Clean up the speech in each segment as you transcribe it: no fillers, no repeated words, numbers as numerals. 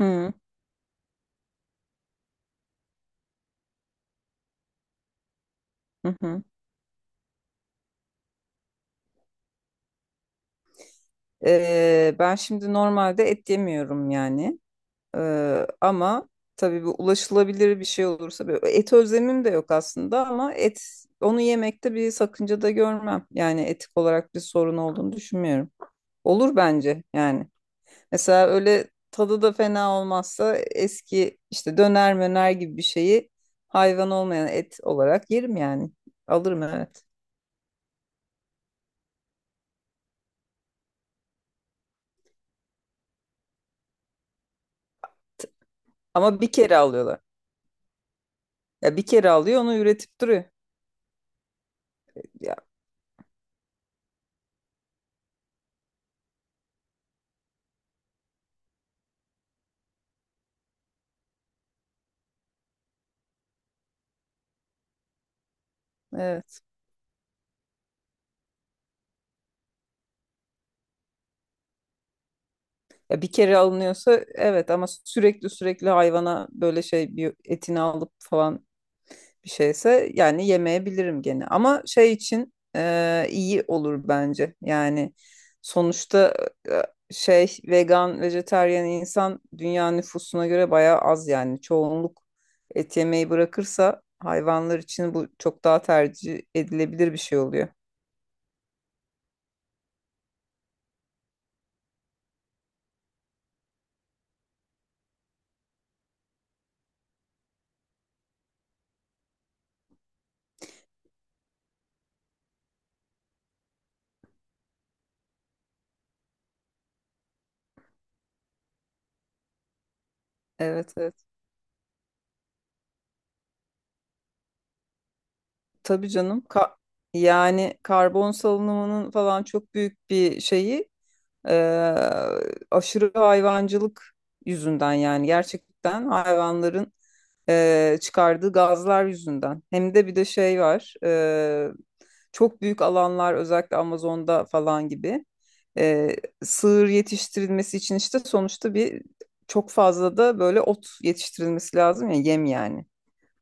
Hı hı. Hı. Ben şimdi normalde et yemiyorum yani. Ama tabii bu ulaşılabilir bir şey olursa böyle et özlemim de yok aslında ama et onu yemekte bir sakınca da görmem. Yani etik olarak bir sorun olduğunu düşünmüyorum. Olur bence yani. Mesela öyle tadı da fena olmazsa eski işte döner möner gibi bir şeyi hayvan olmayan et olarak yerim yani. Alırım, evet. Ama bir kere alıyorlar. Ya bir kere alıyor, onu üretip duruyor. Evet. Ya bir kere alınıyorsa evet, ama sürekli hayvana böyle şey bir etini alıp falan bir şeyse yani yemeyebilirim gene. Ama şey için iyi olur bence. Yani sonuçta e, şey vegan, vejetaryen insan dünya nüfusuna göre bayağı az yani. Çoğunluk et yemeyi bırakırsa hayvanlar için bu çok daha tercih edilebilir bir şey oluyor. Evet, evet. Tabii canım. Yani karbon salınımının falan çok büyük bir şeyi Ee, aşırı hayvancılık yüzünden, yani gerçekten hayvanların çıkardığı gazlar yüzünden. Hem de bir de şey var. Çok büyük alanlar özellikle Amazon'da falan gibi e, sığır yetiştirilmesi için, işte sonuçta bir çok fazla da böyle ot yetiştirilmesi lazım ya, yem yani.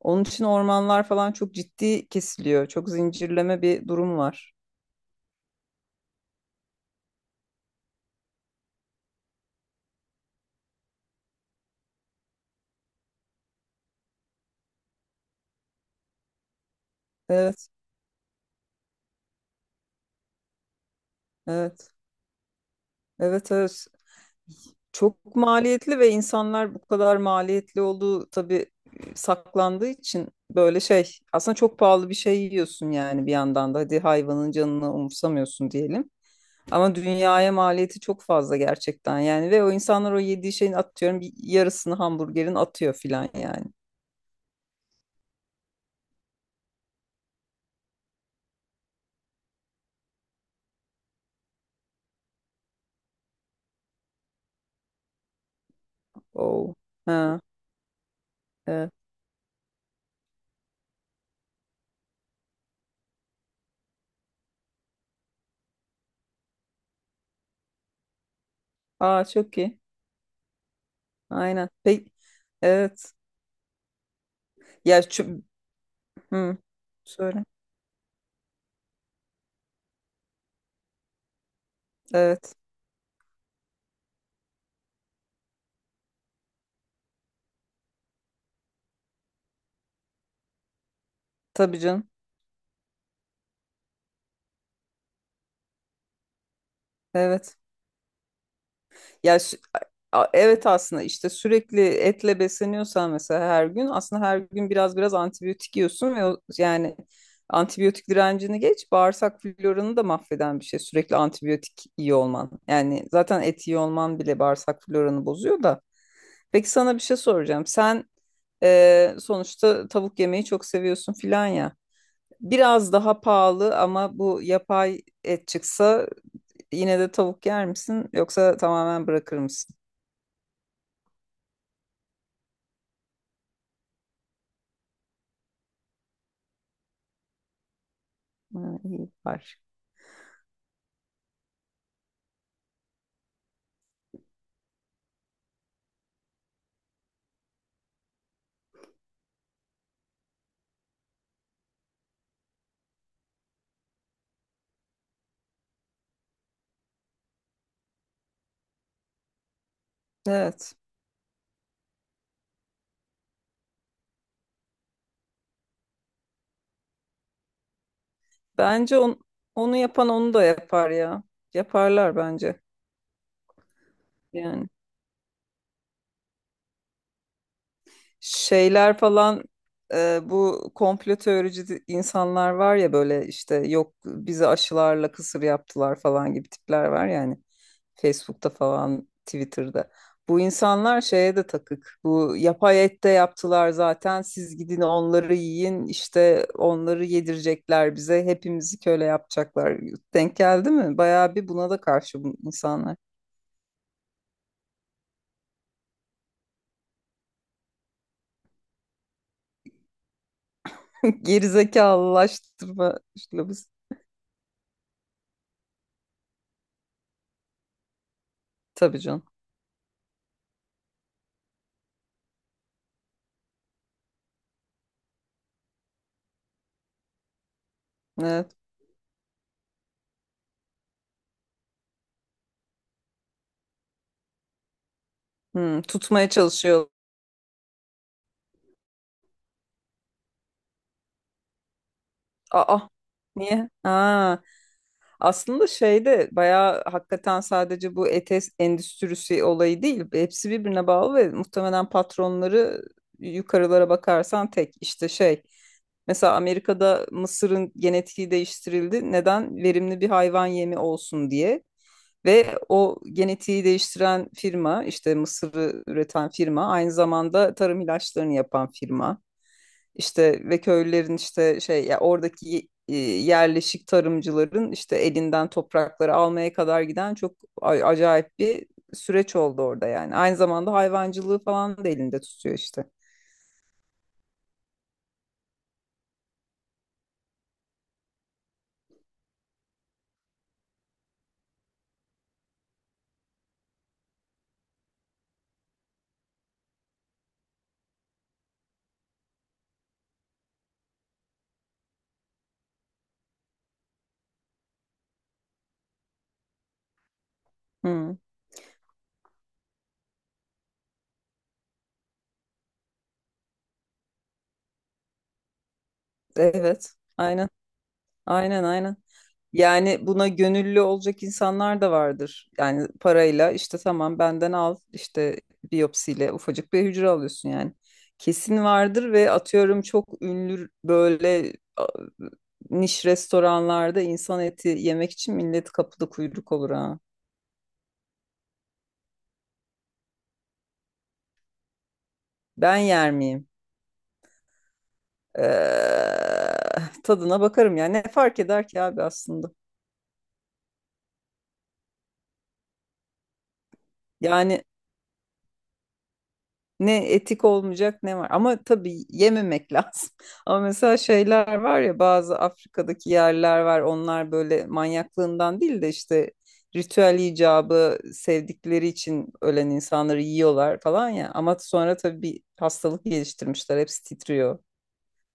Onun için ormanlar falan çok ciddi kesiliyor. Çok zincirleme bir durum var. Evet, evet, evet, evet. Çok maliyetli ve insanlar bu kadar maliyetli olduğu tabii saklandığı için böyle şey aslında çok pahalı bir şey yiyorsun yani, bir yandan da hadi hayvanın canını umursamıyorsun diyelim. Ama dünyaya maliyeti çok fazla gerçekten yani, ve o insanlar o yediği şeyin atıyorum bir yarısını hamburgerin atıyor filan yani. Oh. Ha, evet. Aa, çok iyi. Aynen. Peki. Evet. Ya şu... Hı. Söyle. Evet. Tabii canım. Evet. Ya sü- evet aslında işte sürekli etle besleniyorsan mesela her gün, aslında her gün biraz antibiyotik yiyorsun ve yani antibiyotik direncini geç, bağırsak floranı da mahveden bir şey sürekli antibiyotik iyi olman. Yani zaten et iyi olman bile bağırsak floranı bozuyor da. Peki sana bir şey soracağım. Sen sonuçta tavuk yemeyi çok seviyorsun filan ya. Biraz daha pahalı ama bu yapay et çıksa yine de tavuk yer misin, yoksa tamamen bırakır mısın? Ha, iyi var. Evet. Bence on- Onu yapan onu da yapar ya. Yaparlar bence. Yani. Şeyler falan bu komplo teorici insanlar var ya, böyle işte yok bizi aşılarla kısır yaptılar falan gibi tipler var yani, Facebook'ta falan, Twitter'da. Bu insanlar şeye de takık. Bu yapay et de yaptılar zaten, siz gidin onları yiyin. İşte onları yedirecekler bize. Hepimizi köle yapacaklar. Denk geldi mi? Bayağı bir buna da karşı bu insanlar. Gerizekalılaştırma üslubu. Tabii canım. Evet. Hmm, tutmaya çalışıyor. Aa, niye? Aa, aslında şeyde bayağı hakikaten sadece bu ETS endüstrisi olayı değil. Hepsi birbirine bağlı ve muhtemelen patronları yukarılara bakarsan tek işte şey. Mesela Amerika'da mısırın genetiği değiştirildi. Neden? Verimli bir hayvan yemi olsun diye. Ve o genetiği değiştiren firma, işte mısırı üreten firma, aynı zamanda tarım ilaçlarını yapan firma. İşte ve köylülerin işte şey ya, oradaki yerleşik tarımcıların işte elinden toprakları almaya kadar giden çok acayip bir süreç oldu orada yani. Aynı zamanda hayvancılığı falan da elinde tutuyor işte. Hı, evet. Aynen. Aynen. Yani buna gönüllü olacak insanlar da vardır. Yani parayla, işte tamam benden al, işte biyopsiyle ufacık bir hücre alıyorsun yani. Kesin vardır ve atıyorum çok ünlü böyle niş restoranlarda insan eti yemek için millet kapıda kuyruk olur ha. Ben yer miyim? Eee, Tadına bakarım yani, ne fark eder ki abi aslında. Yani ne etik olmayacak ne var. Ama tabii yememek lazım. Ama mesela şeyler var ya, bazı Afrika'daki yerler var. Onlar böyle manyaklığından değil de işte ritüel icabı sevdikleri için ölen insanları yiyorlar falan ya. Ama sonra tabii bir hastalık geliştirmişler. Hepsi titriyor.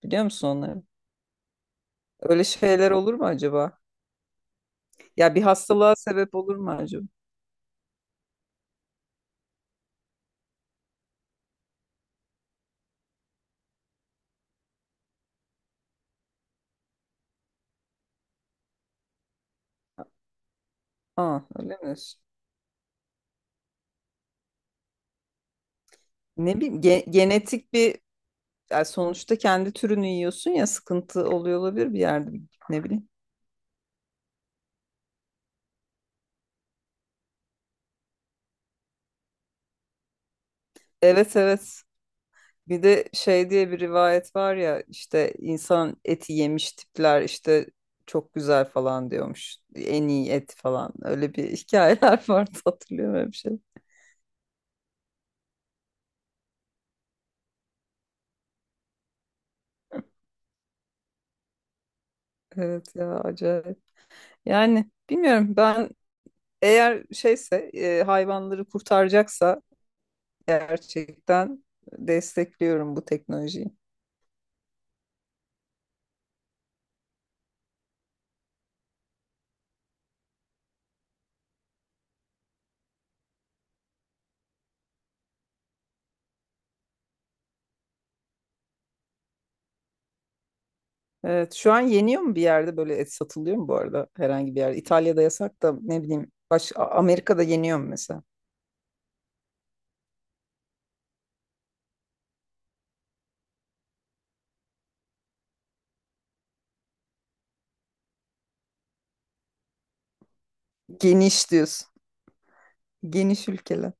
Biliyor musun onları? Öyle şeyler olur mu acaba? Ya bir hastalığa sebep olur mu acaba? Aa, öyle mi diyorsun? Ne bileyim, genetik bir, yani sonuçta kendi türünü yiyorsun ya, sıkıntı oluyor olabilir bir yerde, ne bileyim. Evet, evet. Bir de şey diye bir rivayet var ya, işte insan eti yemiş tipler işte çok güzel falan diyormuş. En iyi et falan. Öyle bir hikayeler vardı, hatırlıyorum öyle bir şey. Evet ya, acayip. Yani bilmiyorum, ben eğer şeyse hayvanları kurtaracaksa gerçekten destekliyorum bu teknolojiyi. Evet, şu an yeniyor mu bir yerde, böyle et satılıyor mu bu arada herhangi bir yerde? İtalya'da yasak da, ne bileyim baş Amerika'da yeniyor mu mesela? Geniş diyorsun. Geniş ülkeler.